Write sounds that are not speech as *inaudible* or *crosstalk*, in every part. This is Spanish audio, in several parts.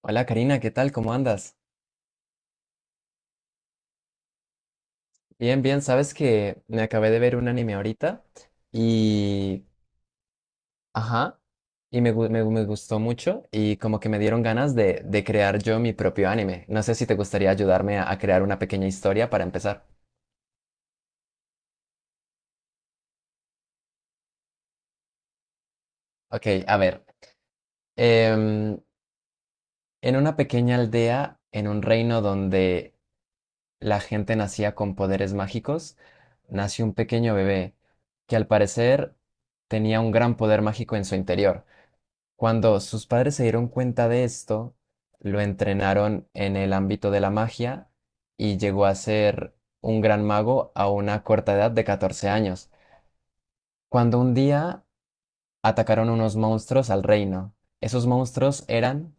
Hola Karina, ¿qué tal? ¿Cómo andas? Bien, bien, sabes que me acabé de ver un anime ahorita y... Ajá, y me gustó mucho y como que me dieron ganas de crear yo mi propio anime. No sé si te gustaría ayudarme a crear una pequeña historia para empezar. Ok, a ver. em, en una pequeña aldea, en un reino donde la gente nacía con poderes mágicos, nació un pequeño bebé que al parecer tenía un gran poder mágico en su interior. Cuando sus padres se dieron cuenta de esto, lo entrenaron en el ámbito de la magia y llegó a ser un gran mago a una corta edad de 14 años, cuando un día atacaron unos monstruos al reino. Esos monstruos eran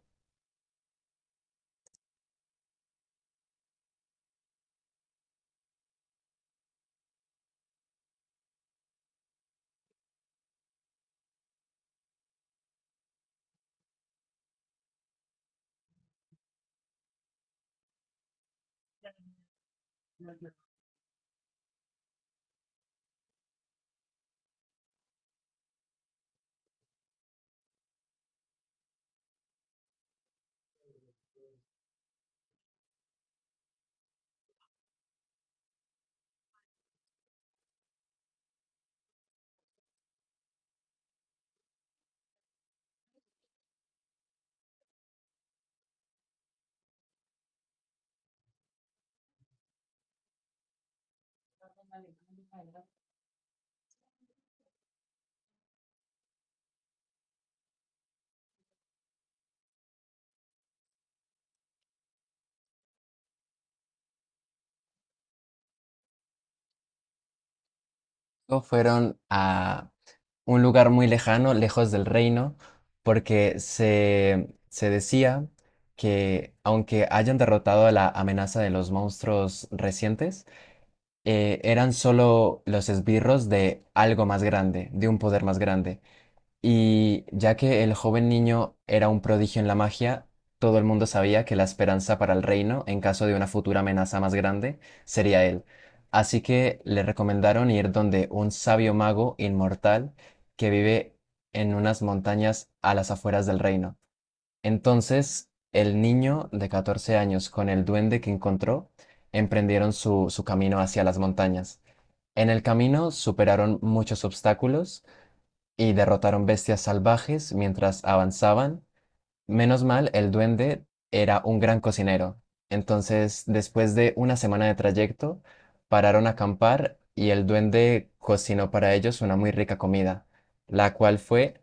o fueron a un lugar muy lejano, lejos del reino, porque se decía que aunque hayan derrotado a la amenaza de los monstruos recientes, eran solo los esbirros de algo más grande, de un poder más grande. Y ya que el joven niño era un prodigio en la magia, todo el mundo sabía que la esperanza para el reino, en caso de una futura amenaza más grande, sería él. Así que le recomendaron ir donde un sabio mago inmortal que vive en unas montañas a las afueras del reino. Entonces, el niño de 14 años con el duende que encontró emprendieron su camino hacia las montañas. En el camino superaron muchos obstáculos y derrotaron bestias salvajes mientras avanzaban. Menos mal, el duende era un gran cocinero. Entonces, después de una semana de trayecto, pararon a acampar y el duende cocinó para ellos una muy rica comida, la cual fue,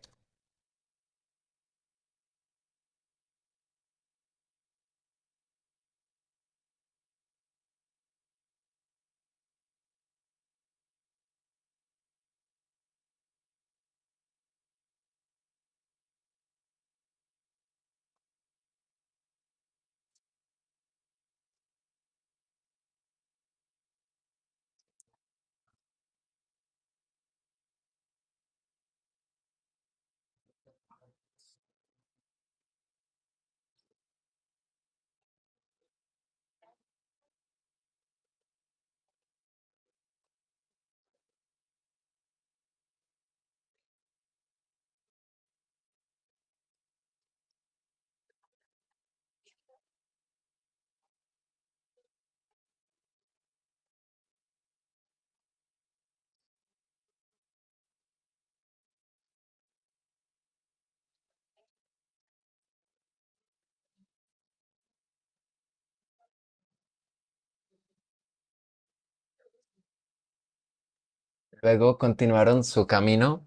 luego continuaron su camino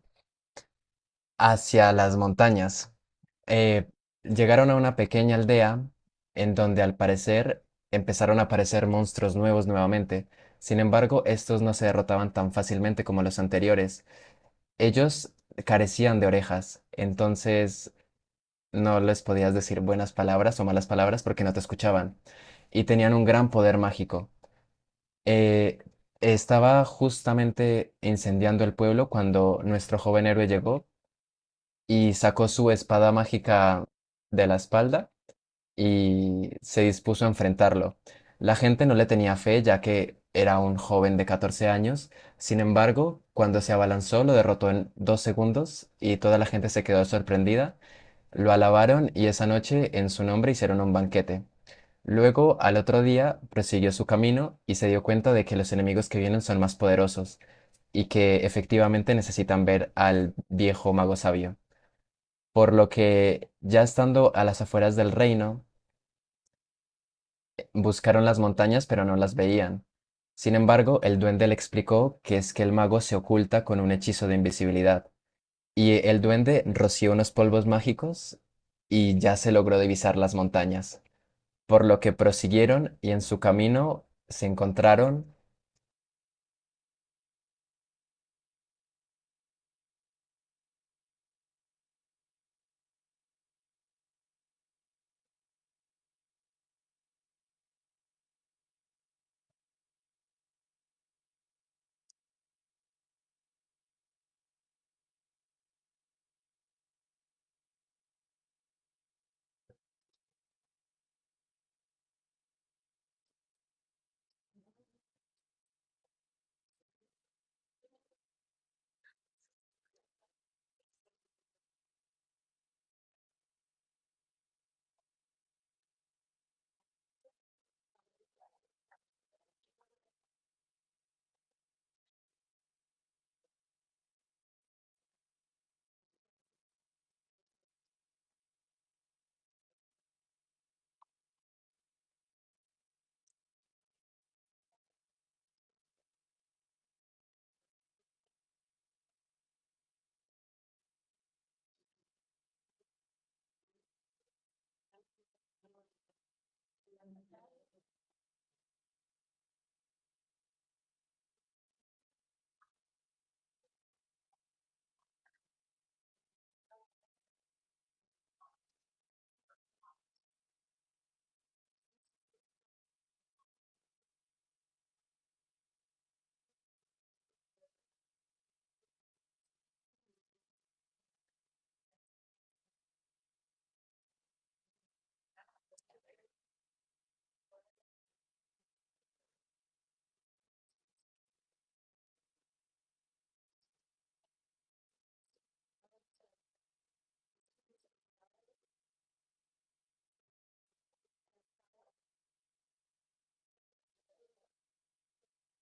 hacia las montañas. Eh, Llegaron a una pequeña aldea en donde al parecer empezaron a aparecer monstruos nuevos nuevamente. Sin embargo, estos no se derrotaban tan fácilmente como los anteriores. Ellos carecían de orejas, entonces no les podías decir buenas palabras o malas palabras porque no te escuchaban. Y tenían un gran poder mágico. Eh, Estaba justamente incendiando el pueblo cuando nuestro joven héroe llegó y sacó su espada mágica de la espalda y se dispuso a enfrentarlo. La gente no le tenía fe ya que era un joven de 14 años, sin embargo, cuando se abalanzó lo derrotó en 2 segundos y toda la gente se quedó sorprendida, lo alabaron y esa noche en su nombre hicieron un banquete. Luego, al otro día, prosiguió su camino y se dio cuenta de que los enemigos que vienen son más poderosos y que efectivamente necesitan ver al viejo mago sabio por lo que ya estando a las afueras del reino, buscaron las montañas pero no las veían. Sin embargo, el duende le explicó que es que el mago se oculta con un hechizo de invisibilidad, y el duende roció unos polvos mágicos y ya se logró divisar las montañas, por lo que prosiguieron y en su camino se encontraron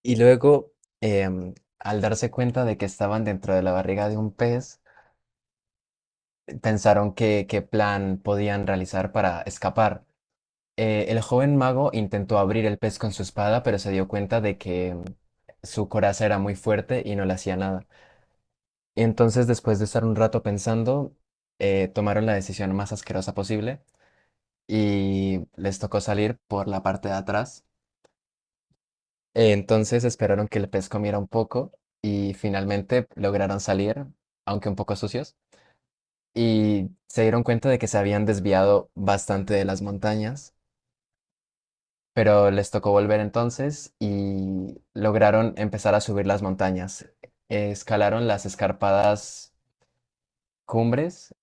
y luego, al darse cuenta de que estaban dentro de la barriga de un pez, pensaron qué plan podían realizar para escapar. El joven mago intentó abrir el pez con su espada, pero se dio cuenta de que su coraza era muy fuerte y no le hacía nada. Y entonces, después de estar un rato pensando, tomaron la decisión más asquerosa posible y les tocó salir por la parte de atrás. Entonces esperaron que el pez comiera un poco y finalmente lograron salir, aunque un poco sucios, y se dieron cuenta de que se habían desviado bastante de las montañas. Pero les tocó volver entonces y lograron empezar a subir las montañas. Escalaron las escarpadas cumbres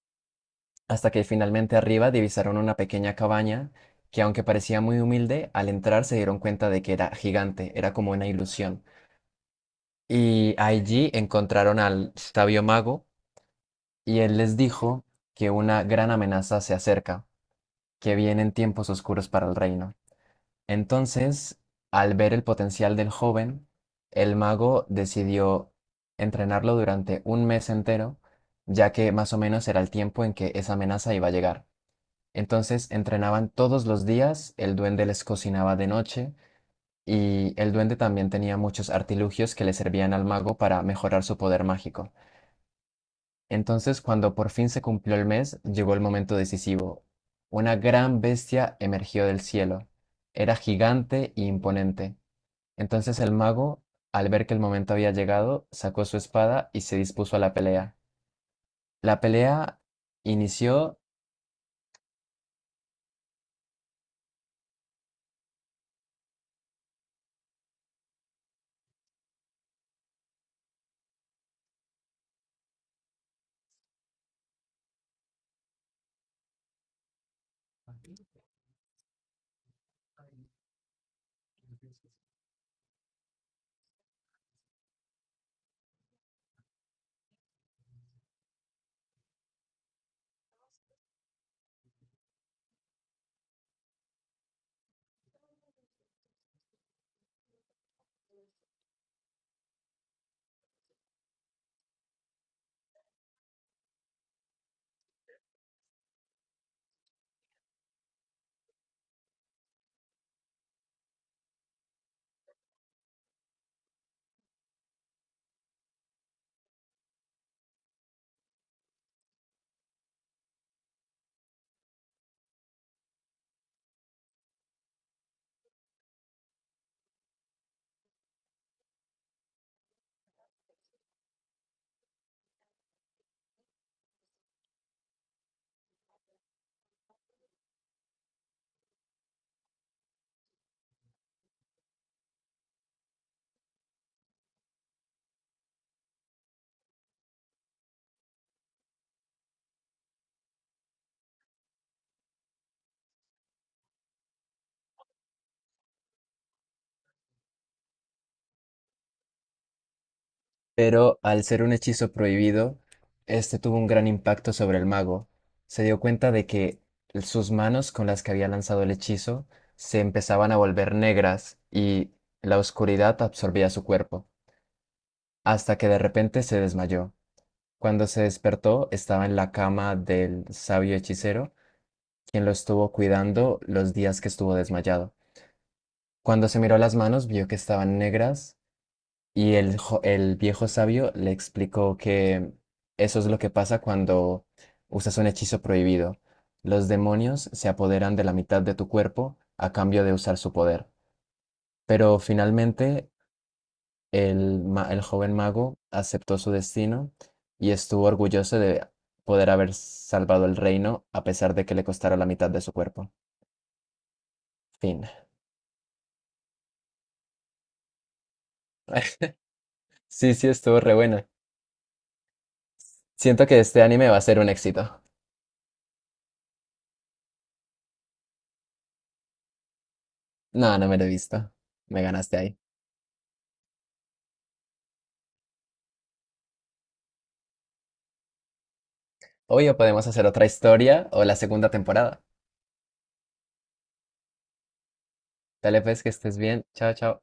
hasta que finalmente arriba divisaron una pequeña cabaña que aunque parecía muy humilde, al entrar se dieron cuenta de que era gigante, era como una ilusión. Y allí encontraron al sabio mago y él les dijo que una gran amenaza se acerca, que vienen tiempos oscuros para el reino. Entonces, al ver el potencial del joven, el mago decidió entrenarlo durante un mes entero, ya que más o menos era el tiempo en que esa amenaza iba a llegar. Entonces entrenaban todos los días, el duende les cocinaba de noche y el duende también tenía muchos artilugios que le servían al mago para mejorar su poder mágico. Entonces, cuando por fin se cumplió el mes, llegó el momento decisivo. Una gran bestia emergió del cielo. Era gigante e imponente entonces el mago, al ver que el momento había llegado, sacó su espada y se dispuso a la pelea. La pelea inició, pero al ser un hechizo prohibido, este tuvo un gran impacto sobre el mago. Se dio cuenta de que sus manos con las que había lanzado el hechizo se empezaban a volver negras y la oscuridad absorbía su cuerpo, hasta que de repente se desmayó. Cuando se despertó, estaba en la cama del sabio hechicero quien lo estuvo cuidando los días que estuvo desmayado. Cuando se miró las manos, vio que estaban negras y el viejo sabio le explicó que eso es lo que pasa cuando usas un hechizo prohibido. Los demonios se apoderan de la mitad de tu cuerpo a cambio de usar su poder. Pero finalmente el joven mago aceptó su destino y estuvo orgulloso de poder haber salvado el reino a pesar de que le costara la mitad de su cuerpo. Fin. *laughs* Sí, sí, estuvo re buena. Siento que este anime va a ser un éxito. No, no me lo he visto. Me ganaste ahí. Obvio, podemos hacer otra historia o la segunda temporada. Dale pues que estés bien. Chao, chao.